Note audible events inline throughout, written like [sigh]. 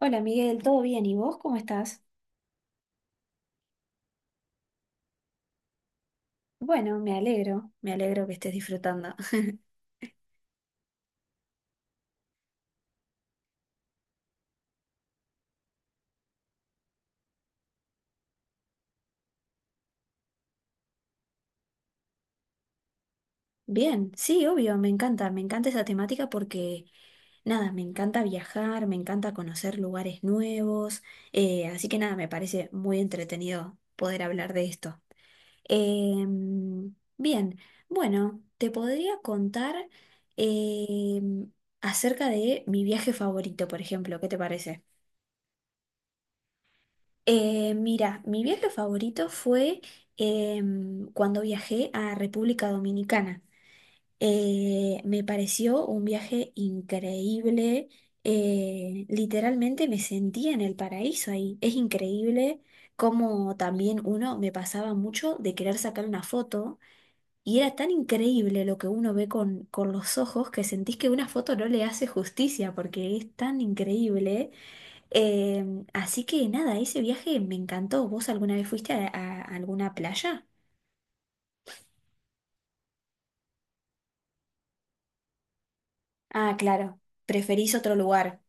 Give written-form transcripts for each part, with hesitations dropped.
Hola Miguel, ¿todo bien? ¿Y vos cómo estás? Bueno, me alegro que estés disfrutando. [laughs] Bien, sí, obvio, me encanta esa temática porque, nada, me encanta viajar, me encanta conocer lugares nuevos, así que nada, me parece muy entretenido poder hablar de esto. Bien, bueno, te podría contar em, acerca de mi viaje favorito, por ejemplo, ¿qué te parece? Mira, mi viaje favorito fue cuando viajé a República Dominicana. Me pareció un viaje increíble. Literalmente me sentía en el paraíso ahí. Es increíble cómo también uno me pasaba mucho de querer sacar una foto y era tan increíble lo que uno ve con los ojos que sentís que una foto no le hace justicia porque es tan increíble. Así que nada, ese viaje me encantó. ¿Vos alguna vez fuiste a alguna playa? Ah, claro, preferís otro lugar.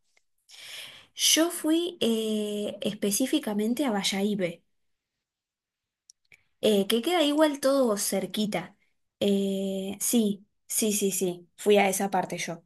Yo fui específicamente a Bayahibe, que queda igual todo cerquita. Sí, sí, sí, sí, fui a esa parte yo.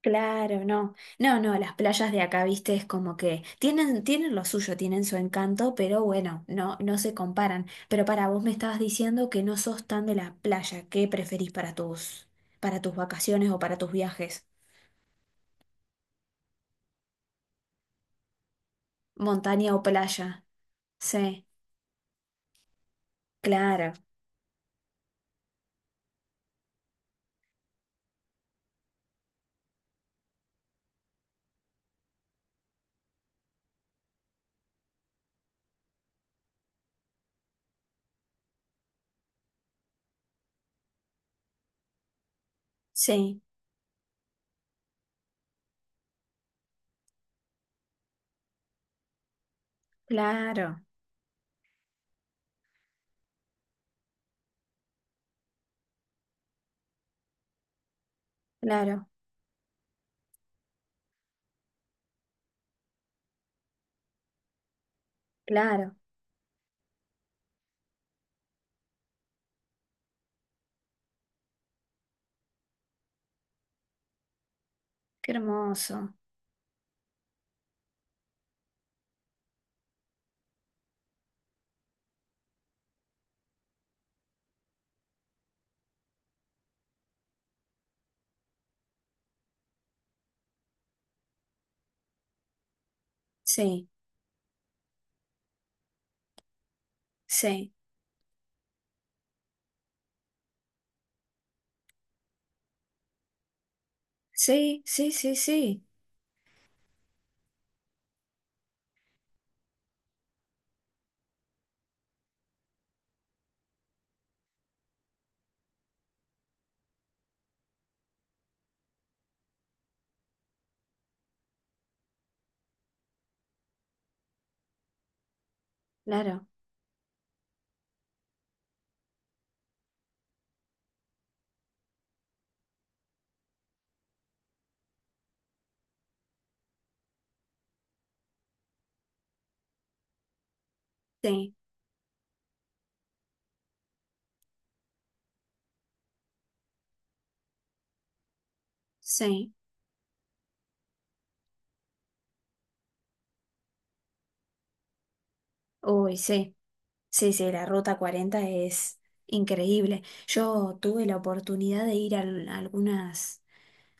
Claro, no. No, no, las playas de acá, viste, es como que tienen, tienen lo suyo, tienen su encanto, pero bueno, no, no se comparan. Pero para vos me estabas diciendo que no sos tan de la playa. ¿Qué preferís para tus vacaciones o para tus viajes? ¿Montaña o playa? Sí, claro, sí, claro, claro, claro. Qué hermoso. Sí, sí, sí, sí, sí, sí, claro, sí, sí. Uy, sí. Sí, sí, la Ruta 40 es increíble. Yo tuve la oportunidad de ir a algunas,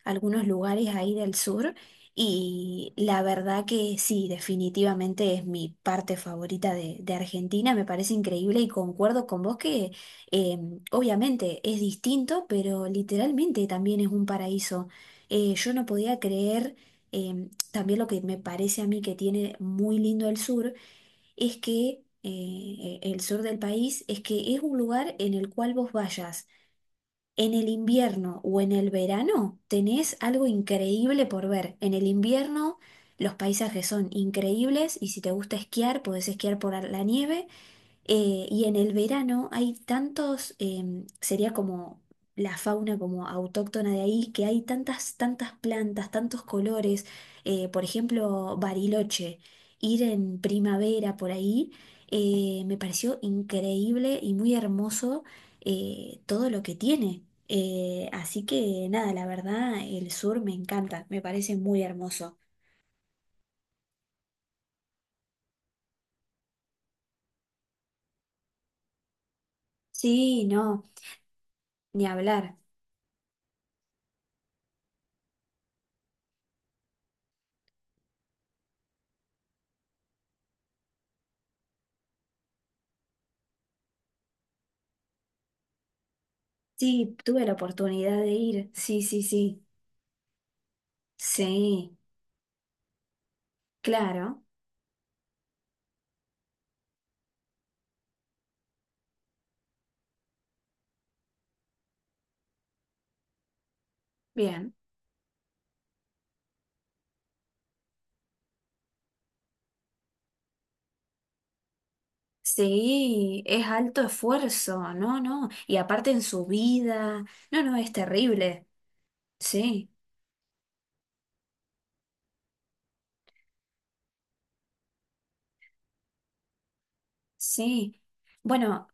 algunos lugares ahí del sur y la verdad que sí, definitivamente es mi parte favorita de Argentina. Me parece increíble y concuerdo con vos que eh, obviamente es distinto, pero literalmente también es un paraíso. Yo no podía creer también lo que me parece a mí que tiene muy lindo el sur es que el sur del país es que es un lugar en el cual vos vayas en el invierno o en el verano, tenés algo increíble por ver. En el invierno los paisajes son increíbles y si te gusta esquiar, podés esquiar por la nieve y en el verano hay tantos, sería como la fauna como autóctona de ahí, que hay tantas, tantas plantas, tantos colores. Por ejemplo, Bariloche, ir en primavera por ahí, me pareció increíble y muy hermoso todo lo que tiene. Así que nada, la verdad, el sur me encanta, me parece muy hermoso. Sí, no, ni hablar. Sí, tuve la oportunidad de ir, sí, sí, sí. Sí, claro, bien. Sí, es alto esfuerzo, no, no. Y aparte en su vida, no, no, es terrible. Sí, sí. Bueno,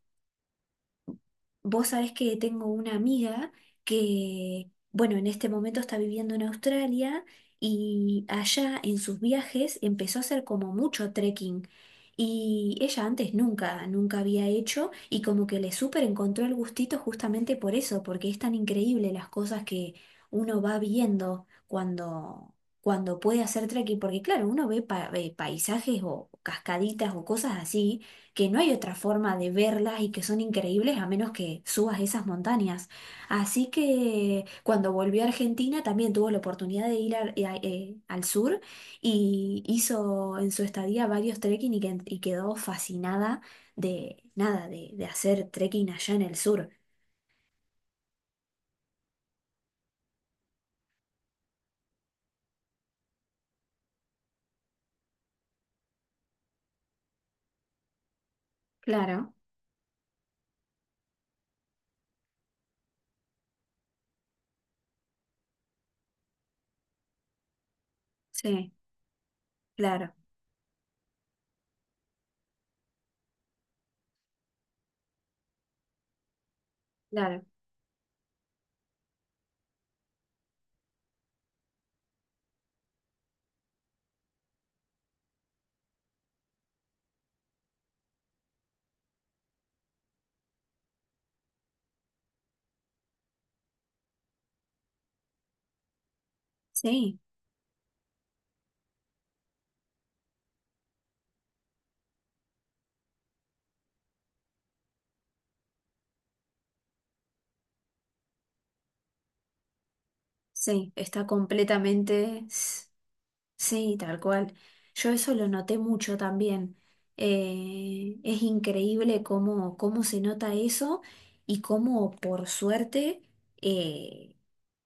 vos sabés que tengo una amiga que, bueno, en este momento está viviendo en Australia y allá en sus viajes empezó a hacer como mucho trekking. Y ella antes nunca, nunca había hecho y como que le súper encontró el gustito justamente por eso, porque es tan increíble las cosas que uno va viendo cuando, cuando puede hacer trekking, porque claro, uno ve, ve paisajes o cascaditas o cosas así que no hay otra forma de verlas y que son increíbles a menos que subas esas montañas. Así que cuando volvió a Argentina también tuvo la oportunidad de ir al sur y hizo en su estadía varios trekking y quedó fascinada de nada, de hacer trekking allá en el sur. Claro, sí, claro, claro, sí, sí, está completamente... Sí, tal cual. Yo eso lo noté mucho también. Es increíble cómo, cómo se nota eso y cómo por suerte, eh,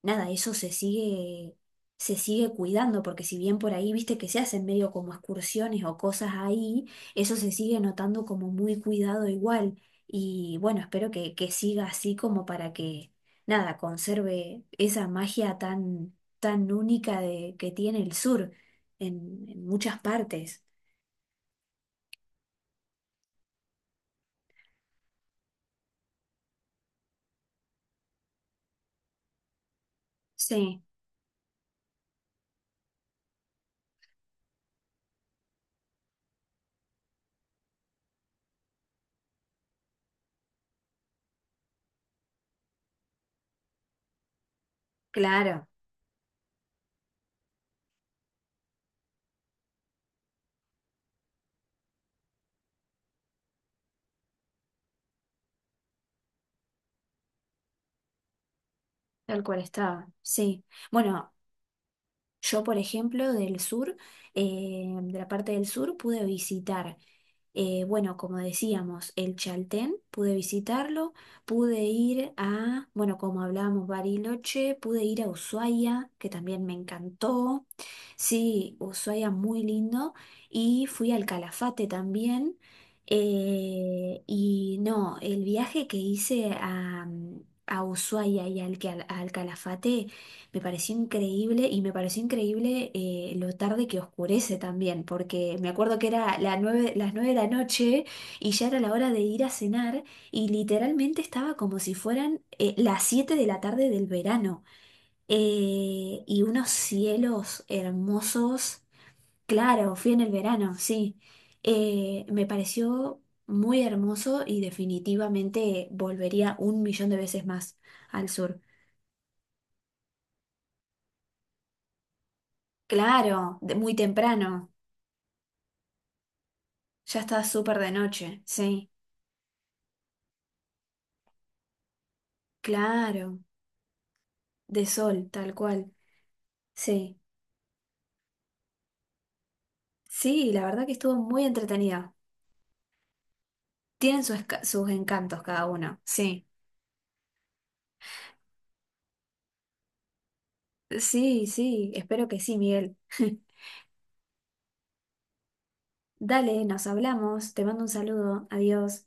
nada, eso se sigue cuidando, porque si bien por ahí, viste que se hacen medio como excursiones o cosas ahí, eso se sigue notando como muy cuidado igual. Y bueno, espero que siga así como para que, nada, conserve esa magia tan, tan única de, que tiene el sur en muchas partes. Sí, claro, tal cual estaba. Sí. Bueno, yo, por ejemplo, del sur, de la parte del sur, pude visitar. Bueno, como decíamos, el Chaltén, pude visitarlo, pude ir a, bueno, como hablábamos, Bariloche, pude ir a Ushuaia, que también me encantó. Sí, Ushuaia muy lindo. Y fui al Calafate también. Y no, el viaje que hice a Ushuaia y al Calafate. Me pareció increíble y me pareció increíble lo tarde que oscurece también, porque me acuerdo que era las 9 de la noche y ya era la hora de ir a cenar y literalmente estaba como si fueran las 7 de la tarde del verano. Y unos cielos hermosos. Claro, fui en el verano, sí. Me pareció muy hermoso y definitivamente volvería un millón de veces más al sur. Claro, de- muy temprano. Ya está súper de noche, sí, claro, de sol, tal cual, sí, sí, la verdad que estuvo muy entretenida. Tienen sus, sus encantos cada uno, sí, sí, sí, espero que sí, Miguel. [laughs] Dale, nos hablamos, te mando un saludo, adiós.